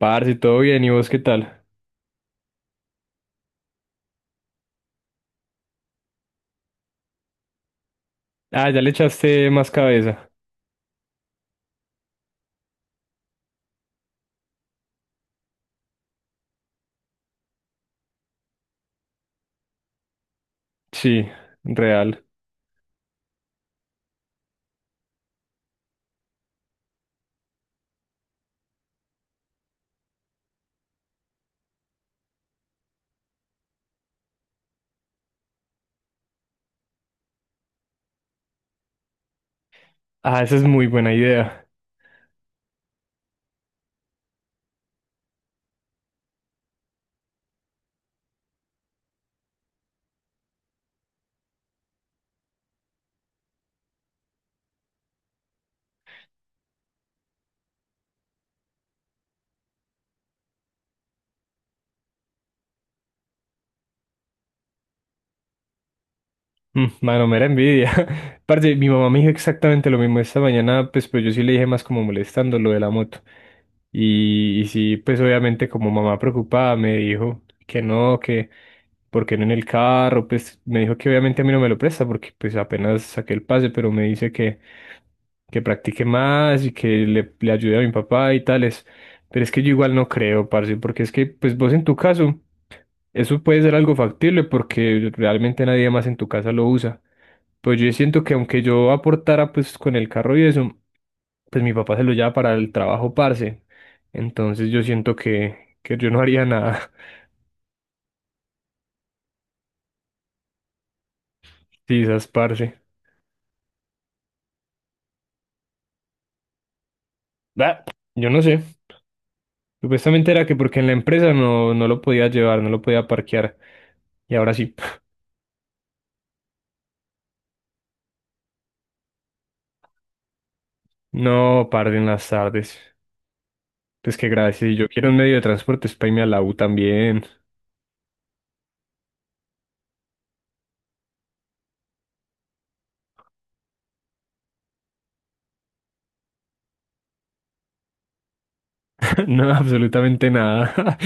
Parce, todo bien, ¿y vos qué tal? Ah, ya le echaste más cabeza. Sí, real. Ah, esa es muy buena idea. Mm, mano, mera envidia. Parce, mi mamá me dijo exactamente lo mismo esta mañana, pues, pero yo sí le dije más como molestando lo de la moto. Y sí, pues obviamente como mamá preocupada me dijo que no, que porque no en el carro, pues me dijo que obviamente a mí no me lo presta porque pues apenas saqué el pase, pero me dice que practique más y que le ayude a mi papá y tales. Pero es que yo igual no creo, parce, porque es que, pues vos en tu caso, eso puede ser algo factible porque realmente nadie más en tu casa lo usa. Pues yo siento que aunque yo aportara pues con el carro y eso, pues mi papá se lo lleva para el trabajo, parce. Entonces yo siento que yo no haría nada. Sí, esas parce. Bah, yo no sé. Supuestamente era que porque en la empresa no lo podía llevar, no lo podía parquear. Y ahora sí. No, parce, en las tardes. Pues que gracias. Yo quiero un medio de transporte, es para irme a la U también. No, absolutamente nada.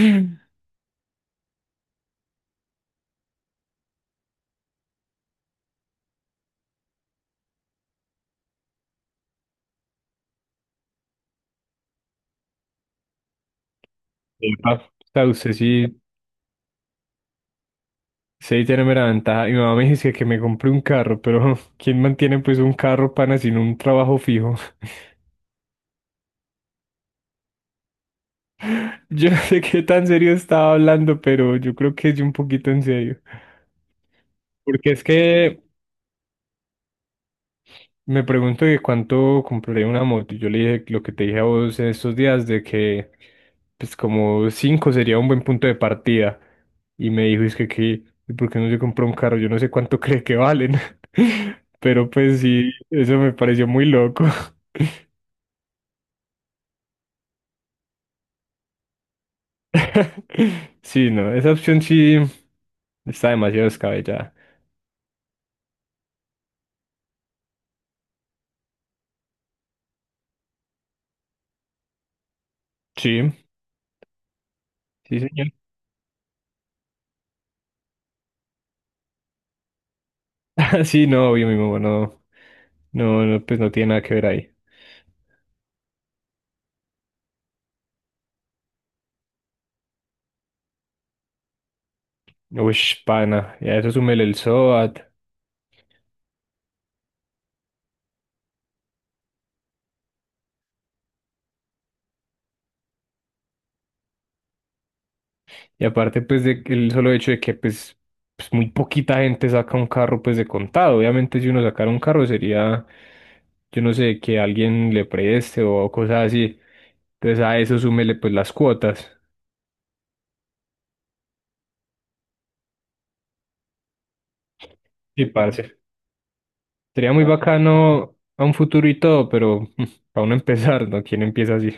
Epa, sea, usted sí, sí tiene mera ventaja. Mi mamá me dice que me compré un carro, pero ¿quién mantiene pues un carro, pana, sin un trabajo fijo? Yo no sé qué tan serio estaba hablando, pero yo creo que es un poquito en serio. Porque es que me pregunto que cuánto compraré una moto. Yo le dije lo que te dije a vos en estos días de que, pues como 5 sería un buen punto de partida. Y me dijo, es que, que, ¿por qué no se compró un carro? Yo no sé cuánto cree que valen. Pero pues sí, eso me pareció muy loco. Sí, no, esa opción sí está demasiado descabellada. Sí, sí, señor. Sí, no, obvio, mi mamá no, no, no, pues no tiene nada que ver ahí. Uy, pana, y a eso súmele el SOAT. Y aparte, pues, de, el solo hecho de que, pues, pues, muy poquita gente saca un carro, pues, de contado. Obviamente, si uno sacara un carro sería, yo no sé, que alguien le preste o cosas así. Entonces, a eso súmele, pues, las cuotas. Sí, parce. Sería muy bacano a un futuro y todo, pero para uno empezar, ¿no? ¿Quién empieza así?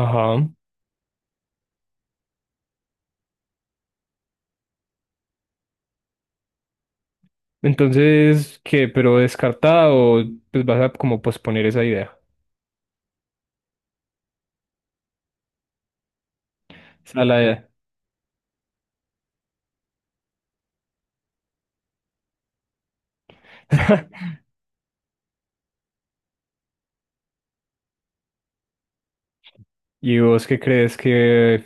Ajá. Entonces, ¿qué? ¿Pero descartada o pues vas a como posponer esa idea? O sea, la idea. ¿Y vos qué crees que,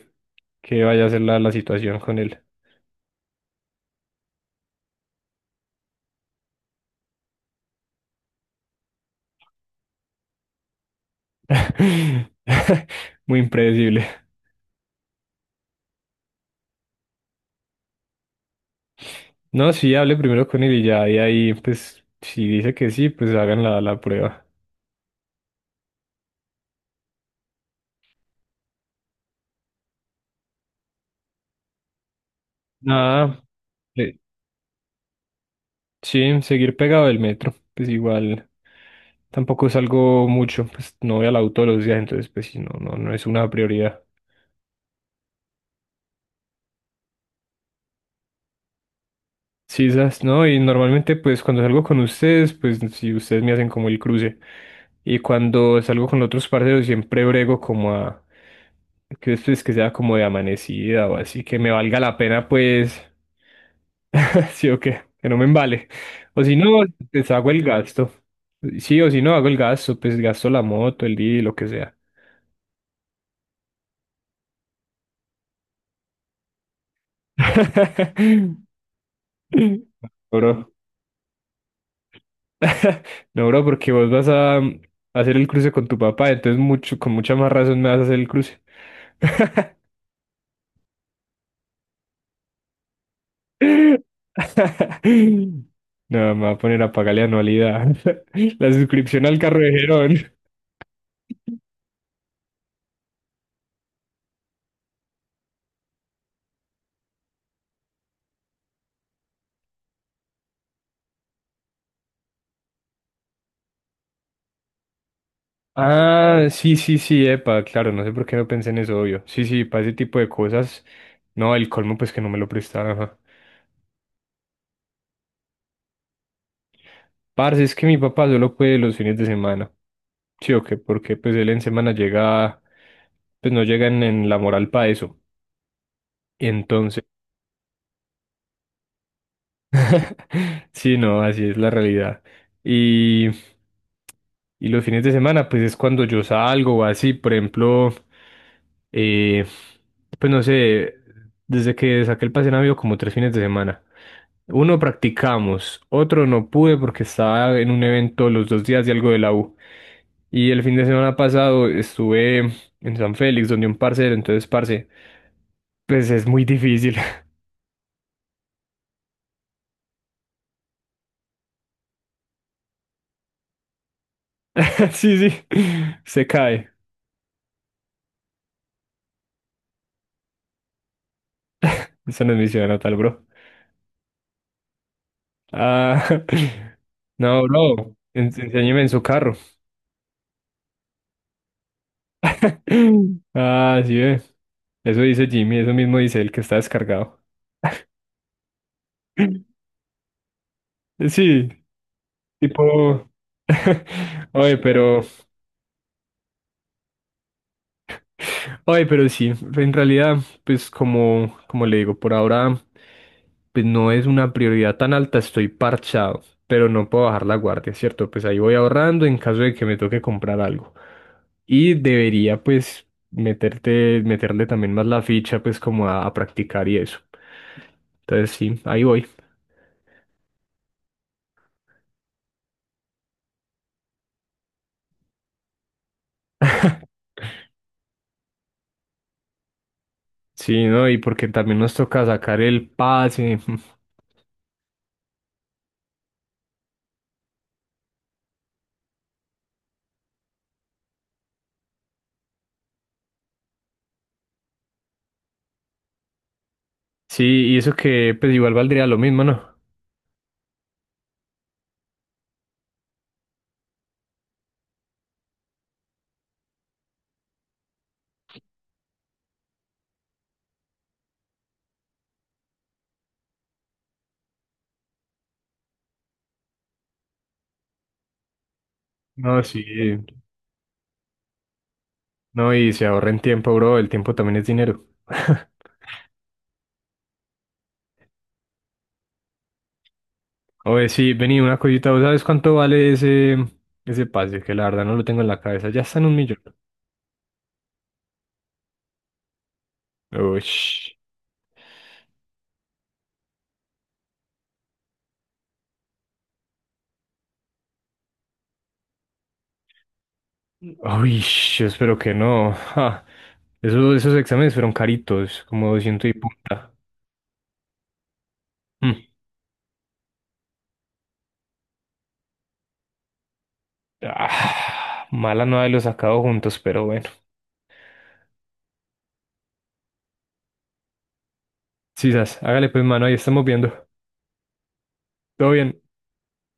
que vaya a ser la situación con él? Muy impredecible. No, sí, hable primero con él y ya, y ahí, pues, si dice que sí, pues hagan la prueba. Nada, eh, sí, seguir pegado del metro, pues igual, tampoco salgo mucho, pues no voy al auto todos los días, entonces, pues sí, no, no, no es una prioridad. Sí, esas, ¿no? Y normalmente, pues, cuando salgo con ustedes, pues, si ustedes me hacen como el cruce. Y cuando salgo con otros parceros, siempre brego como a. Que después que sea como de amanecida o así, que me valga la pena, pues. Sí o qué, que no me embale. O si no, pues hago el gasto. Sí, o si no, hago el gasto, pues gasto la moto, el día, lo que sea. Bro. No, bro, porque vos vas a hacer el cruce con tu papá, entonces mucho, con mucha más razón me vas a hacer el cruce. No, me va a poner a pagarle anualidad. La suscripción al carro de Gerón. Ah, sí, sí, sí, epa, claro, no sé por qué no pensé en eso, obvio. Sí, sí, para ese tipo de cosas. No, el colmo, pues que no me lo prestaron, ajá. Parce, es que mi papá solo puede los fines de semana. Sí, o qué, porque pues él en semana llega, pues no llega en la moral para eso. Entonces, sí, no, así es la realidad. Y, y los fines de semana, pues es cuando yo salgo o así, por ejemplo, eh, pues no sé, desde que saqué el pase han habido como 3 fines de semana. Uno practicamos, otro no pude porque estaba en un evento los 2 días de algo de la U. Y el fin de semana pasado estuve en San Félix, donde un parcero, entonces, parce, pues es muy difícil. Sí, sí, se cae. Esa no es mi ciudad natal, bro. Ah, no, bro, enséñeme en su carro. Ah, sí, ve. Eso dice Jimmy, eso mismo dice el que está descargado. Sí, tipo. Oye, pero Ay, pero sí, en realidad, pues como le digo, por ahora, pues no es una prioridad tan alta, estoy parchado, pero no puedo bajar la guardia, ¿cierto? Pues ahí voy ahorrando en caso de que me toque comprar algo. Y debería, pues, meterle también más la ficha, pues, como a practicar y eso. Entonces, sí, ahí voy. Sí, ¿no? Y porque también nos toca sacar el pase. Sí, y eso que, pues, igual valdría lo mismo, ¿no? No, sí. No, y se ahorren tiempo, bro. El tiempo también es dinero. Oye, sí, vení, una cosita. ¿Vos sabes cuánto vale ese pase? Que la verdad no lo tengo en la cabeza. Ya está en un millón. Uy, uy, yo espero que no. Ja. Esos exámenes fueron caritos, como 200 y pu- Mm. Ah, mala no haberlos sacado juntos, pero bueno. Sisas, hágale pues, mano, ahí estamos viendo. Todo bien.